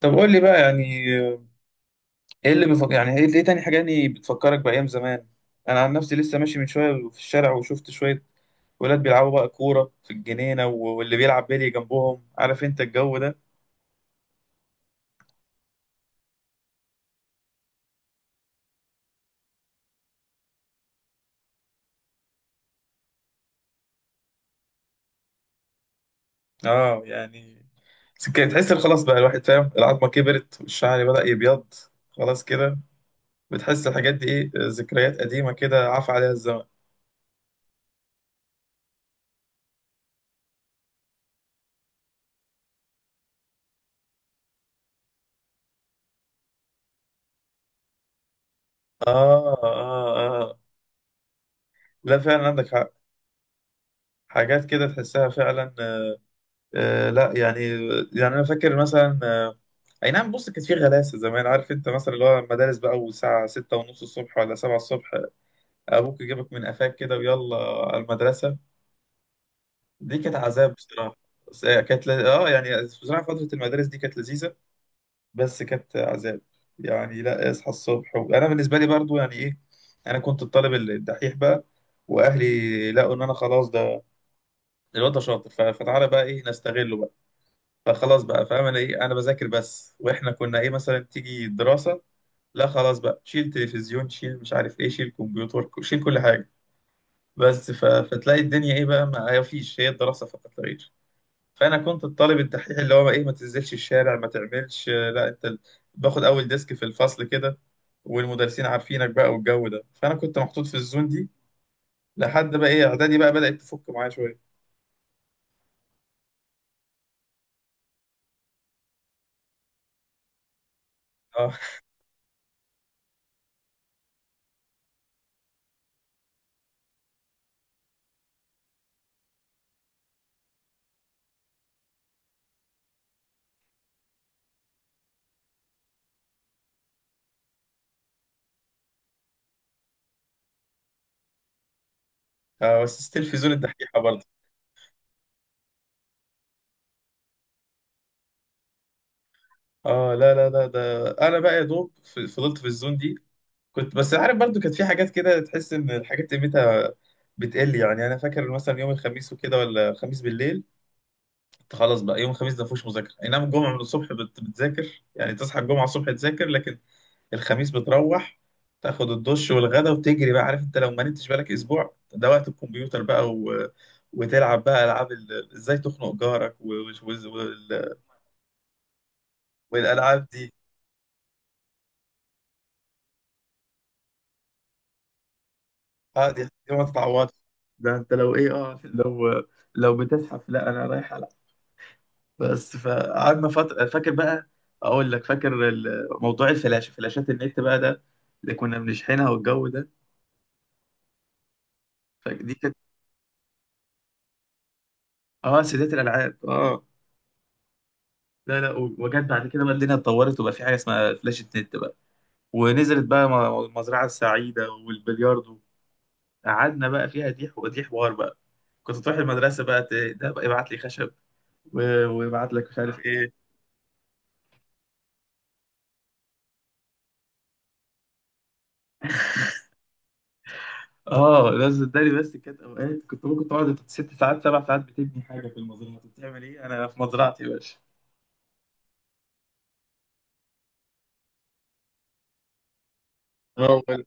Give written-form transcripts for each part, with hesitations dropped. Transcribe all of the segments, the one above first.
طب قول لي بقى. يعني اللي بفكر، يعني إيه تاني حاجة يعني بتفكرك بأيام زمان؟ انا عن نفسي لسه ماشي من شوية في الشارع وشفت شوية ولاد بيلعبوا بقى كورة في الجنينة، و- واللي بيلعب بيلي جنبهم، عارف انت الجو ده. اه يعني كده تحس إن خلاص بقى الواحد فاهم، العظمة كبرت والشعر بدأ يبيض. خلاص كده بتحس الحاجات دي ايه، ذكريات قديمة كده عفى عليها الزمن. اه، اه، اه، آه. لا فعلا، عندك حق. حاجات كده تحسها فعلا. آه، لا يعني انا فاكر مثلا، اي نعم. بص، كانت في غلاسه زمان، عارف انت، مثلا اللي هو المدارس بقى والساعه 6:30 الصبح ولا 7 الصبح ابوك يجيبك من قفاك كده ويلا على المدرسه. دي كانت عذاب بصراحه. بس هي كانت ل... اه يعني بصراحه فتره المدارس دي كانت لذيذه بس كانت عذاب. يعني لا اصحى الصبح انا بالنسبه لي برضو يعني ايه، انا كنت الطالب الدحيح بقى. واهلي لقوا ان انا خلاص، ده الواد ده شاطر، ف- فتعالى بقى ايه نستغله. فخلاص بقى، فاهم انا ايه؟ انا بذاكر بس. واحنا كنا ايه مثلا؟ تيجي الدراسه، لا خلاص بقى، شيل تلفزيون، شيل مش عارف ايه، شيل كمبيوتر، شيل كل حاجه. بس ف... فتلاقي الدنيا ايه بقى، ما فيش هي الدراسه فقط لا غير. فانا كنت الطالب الدحيح اللي هو ايه، ما تنزلش الشارع، ما تعملش، لا انت باخد اول ديسك في الفصل كده، والمدرسين عارفينك بقى والجو ده. فانا كنت محطوط في الزون دي لحد بقى ايه، اعدادي بقى بدات تفك معايا شويه. اه بس ستيل في زون الدحيحه برضه. اه، لا، لا، لا، ده انا بقى يا دوب فضلت في الزون دي. كنت بس عارف، برضو كانت في حاجات كده تحس ان الحاجات قيمتها بتقل. يعني انا فاكر مثلا يوم الخميس وكده، ولا خميس بالليل كنت خلاص بقى. يوم الخميس ده مفيهوش مذاكره، اي نعم الجمعه من الصبح بتذاكر، يعني تصحى الجمعه الصبح تذاكر، لكن الخميس بتروح تاخد الدش والغدا وتجري بقى، عارف انت، لو ما نمتش بالك. اسبوع ده وقت الكمبيوتر بقى، و... وتلعب بقى العاب ازاي تخنق جارك و... و... وال- والالعاب دي. اه، دي ما تتعوضش. ده انت لو ايه، لو بتزحف لا، انا رايح العب. بس فقعدنا فتره فاكر بقى. اقول لك، فاكر موضوع الفلاشه، فلاشات النت بقى ده اللي كنا بنشحنها والجو ده. فدي كانت، اه سيدات الالعاب، اه. لا، لا، و- وجت بعد كده بقى، الدنيا اتطورت وبقى في حاجه اسمها فلاشه نت بقى، ونزلت بقى المزرعه السعيده والبلياردو. قعدنا بقى فيها ديح، ودي حوار بقى. كنت تروح المدرسه بقى، ده بقى يبعت لي خشب، و- ويبعت لك مش عارف إيه. اه، ده صدقني بس كانت اوقات كنت ممكن تقعد 6 ساعات 7 ساعات بتبني حاجه في المزرعه. طب بتعمل ايه؟ انا في مزرعتي يا باشا. اه وال-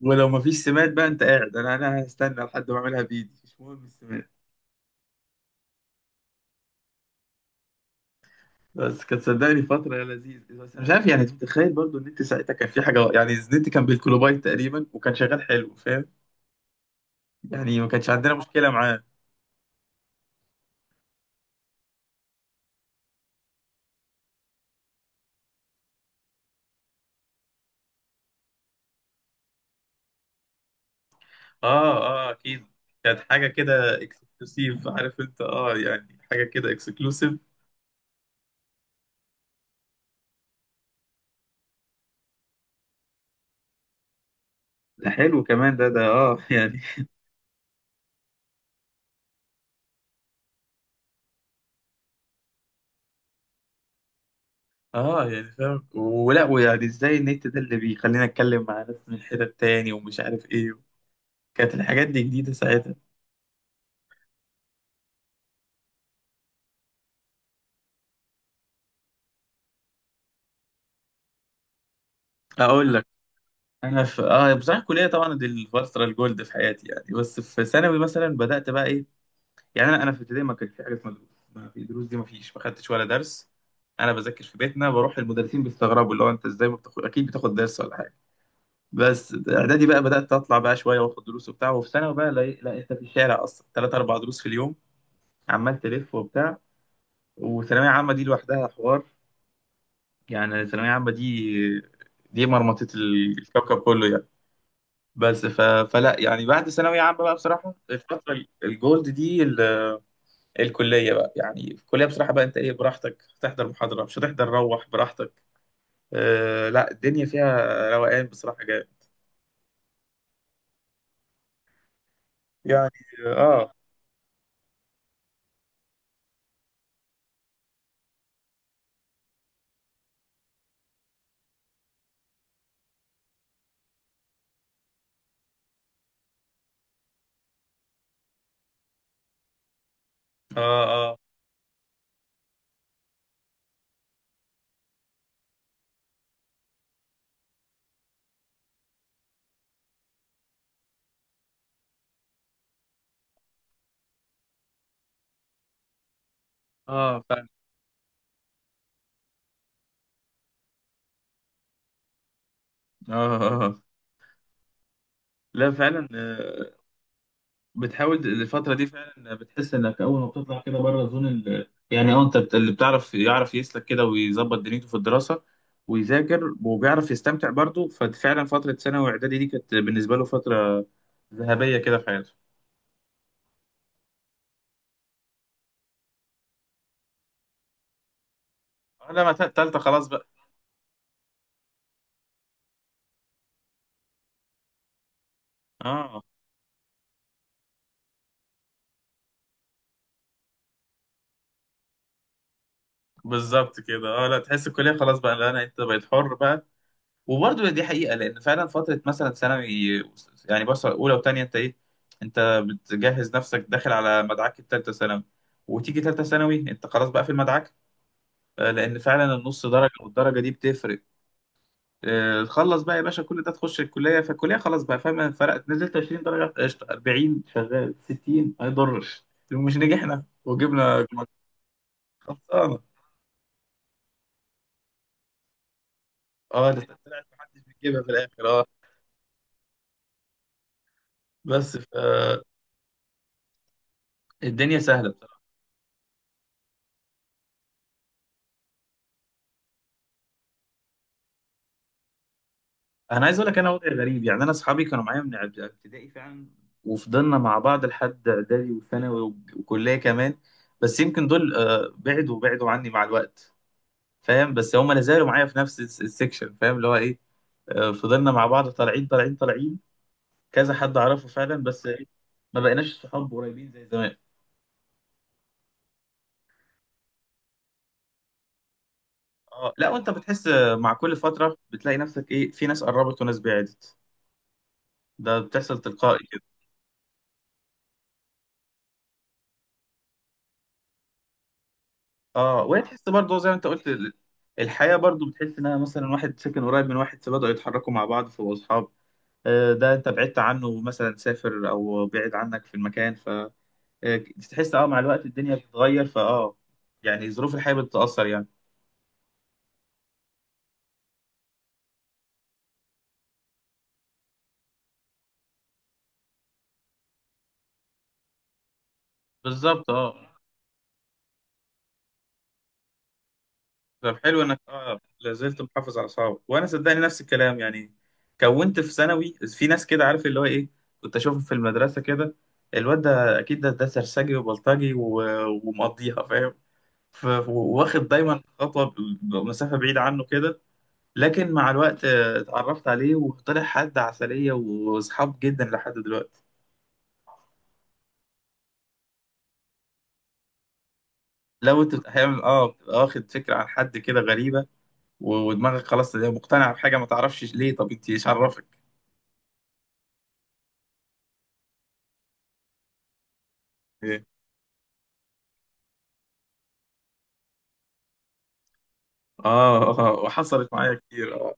ولو مفيش سماد بقى، انت قاعد؟ انا هستنى لحد ما اعملها بايدي، مش مهم السماد. بس كانت صدقني فتره لذيذه. بس أنا مش عارف يعني، انت متخيل برضو ان انت ساعتها كان في حاجه يعني، النت كان بالكيلوبايت تقريبا وكان شغال حلو، فاهم يعني ما كانش عندنا مشكله معاه. اه، اه، اكيد. كانت حاجه كده اكسكلوسيف، عارف انت، يعني حاجه كده اكسكلوسيف. ده حلو كمان، ده اه يعني. اه، يعني فاهم ولا؟ ويعني ازاي النت ده اللي بيخلينا اتكلم مع ناس من حتت تاني ومش عارف ايه، كانت الحاجات دي جديده ساعتها. اقول لك، انا في يعني بصراحه الكليه طبعا دي الفتره الجولد في حياتي، يعني. بس في ثانوي مثلا بدات بقى ايه، يعني انا في ابتدائي ما كان في حاجه اسمها دروس، ما في دروس دي، ما فيش، ما خدتش ولا درس. انا بذاكر في بيتنا، بروح المدرسين بيستغربوا، اللي هو انت ازاي ما بتاخد؟ اكيد بتاخد درس ولا حاجه. بس اعدادي بقى بدات اطلع بقى شويه، واخد دروس وبتاع. وفي ثانوي بقى لا، لا، انت في الشارع اصلا 3 او 4 دروس في اليوم، عمال تلف وبتاع. وثانوية عامة دي لوحدها حوار، يعني الثانوية عامة دي مرمطة الكوكب كله، يعني. بس ف... فلا يعني، بعد ثانوية عامة بقى بصراحة الفترة الجولد دي الكلية بقى. يعني في الكلية بصراحة بقى أنت إيه، براحتك، هتحضر محاضرة مش هتحضر، روح براحتك. لا الدنيا فيها روقان بصراحة جامد، يعني. آه، آه، آه، آه فعلا. آه، آه، آه. لا فعلا. بتحاول الفترة دي فعلا بتحس انك اول ما بتطلع كده بره زون يعني، انت اللي بتعرف يعرف يسلك كده ويظبط دنيته في الدراسة ويذاكر وبيعرف يستمتع برضه. ففعلا فترة ثانوي واعدادي دي كانت بالنسبة له فترة ذهبية كده في حياته. اه، لما تالتة خلاص بقى. اه بالظبط كده. اه لا تحس الكلية خلاص بقى، لا انت بقيت حر بقى. وبرضه دي حقيقة، لأن فعلا فترة مثلا ثانوي، يعني بس أولى وتانية أنت إيه، أنت بتجهز نفسك داخل على مدعك التالتة ثانوي. وتيجي تالتة ثانوي أنت خلاص بقى في المدعك. لأن فعلا النص درجة والدرجة دي بتفرق. تخلص بقى يا باشا كل ده، تخش الكلية، فالكلية خلاص بقى، فاهم، فرقت، نزلت 20 درجة قشطة، 40 شغال، 60 ما يضرش، لو مش نجحنا وجبنا خلصانة. اه، ده طلعت محدش بيجيبها في الآخر، اه. بس ف، الدنيا سهلة. انا عايز اقول لك، انا وضعي غريب يعني. انا اصحابي كانوا معايا من ابتدائي فعلا، وفضلنا مع بعض لحد اعدادي وثانوي و- وكليه كمان. بس يمكن دول بعدوا بعدوا عني مع الوقت، فاهم، بس هم لا زالوا معايا في نفس السكشن، فاهم اللي هو ايه. فضلنا مع بعض طالعين طالعين طالعين كذا حد اعرفه فعلا، بس ما بقيناش صحاب قريبين زي زمان. اه، لا، وانت بتحس مع كل فتره بتلاقي نفسك ايه، في ناس قربت وناس بعدت، ده بتحصل تلقائي. اه، وهي تحس برضه زي ما انت قلت الحياه برضه، بتحس انها مثلا واحد ساكن قريب من واحد فبدأوا يتحركوا مع بعض فبقوا اصحاب. ده انت بعدت عنه، مثلا سافر او بعد عنك في المكان، ف آه، تحس مع الوقت الدنيا بتتغير يعني ظروف الحياه بتتأثر، يعني. بالظبط، اه. طب حلو انك لازلت محافظ على اصحابك. وانا صدقني نفس الكلام، يعني كونت في ثانوي في ناس كده، عارف اللي هو ايه، كنت اشوفهم في المدرسه كده، الواد ده اكيد، ده سرسجي وبلطجي و- ومقضيها، فاهم، واخد دايما خطوه، مسافه بعيده عنه كده. لكن مع الوقت اتعرفت عليه وطلع حد عسليه واصحاب جدا لحد دلوقتي. لو انت احيانا بتبقى واخد فكره عن حد كده غريبه، و- ودماغك خلاص هي مقتنعه بحاجه، ما تعرفش ليه، طب انت ايش عرفك؟ إيه؟ اه اه، وحصلت معايا كتير، اه.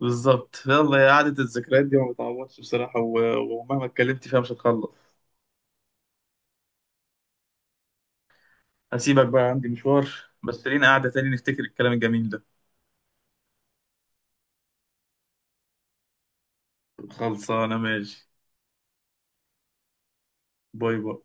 بالظبط. يلا، يا قعدة الذكريات دي ما بتعوضش بصراحة، و- ومهما اتكلمت فيها مش هتخلص. هسيبك بقى عندي مشوار، بس لينا قعدة تاني نفتكر الكلام الجميل ده. خلصانة، ماشي. باي باي.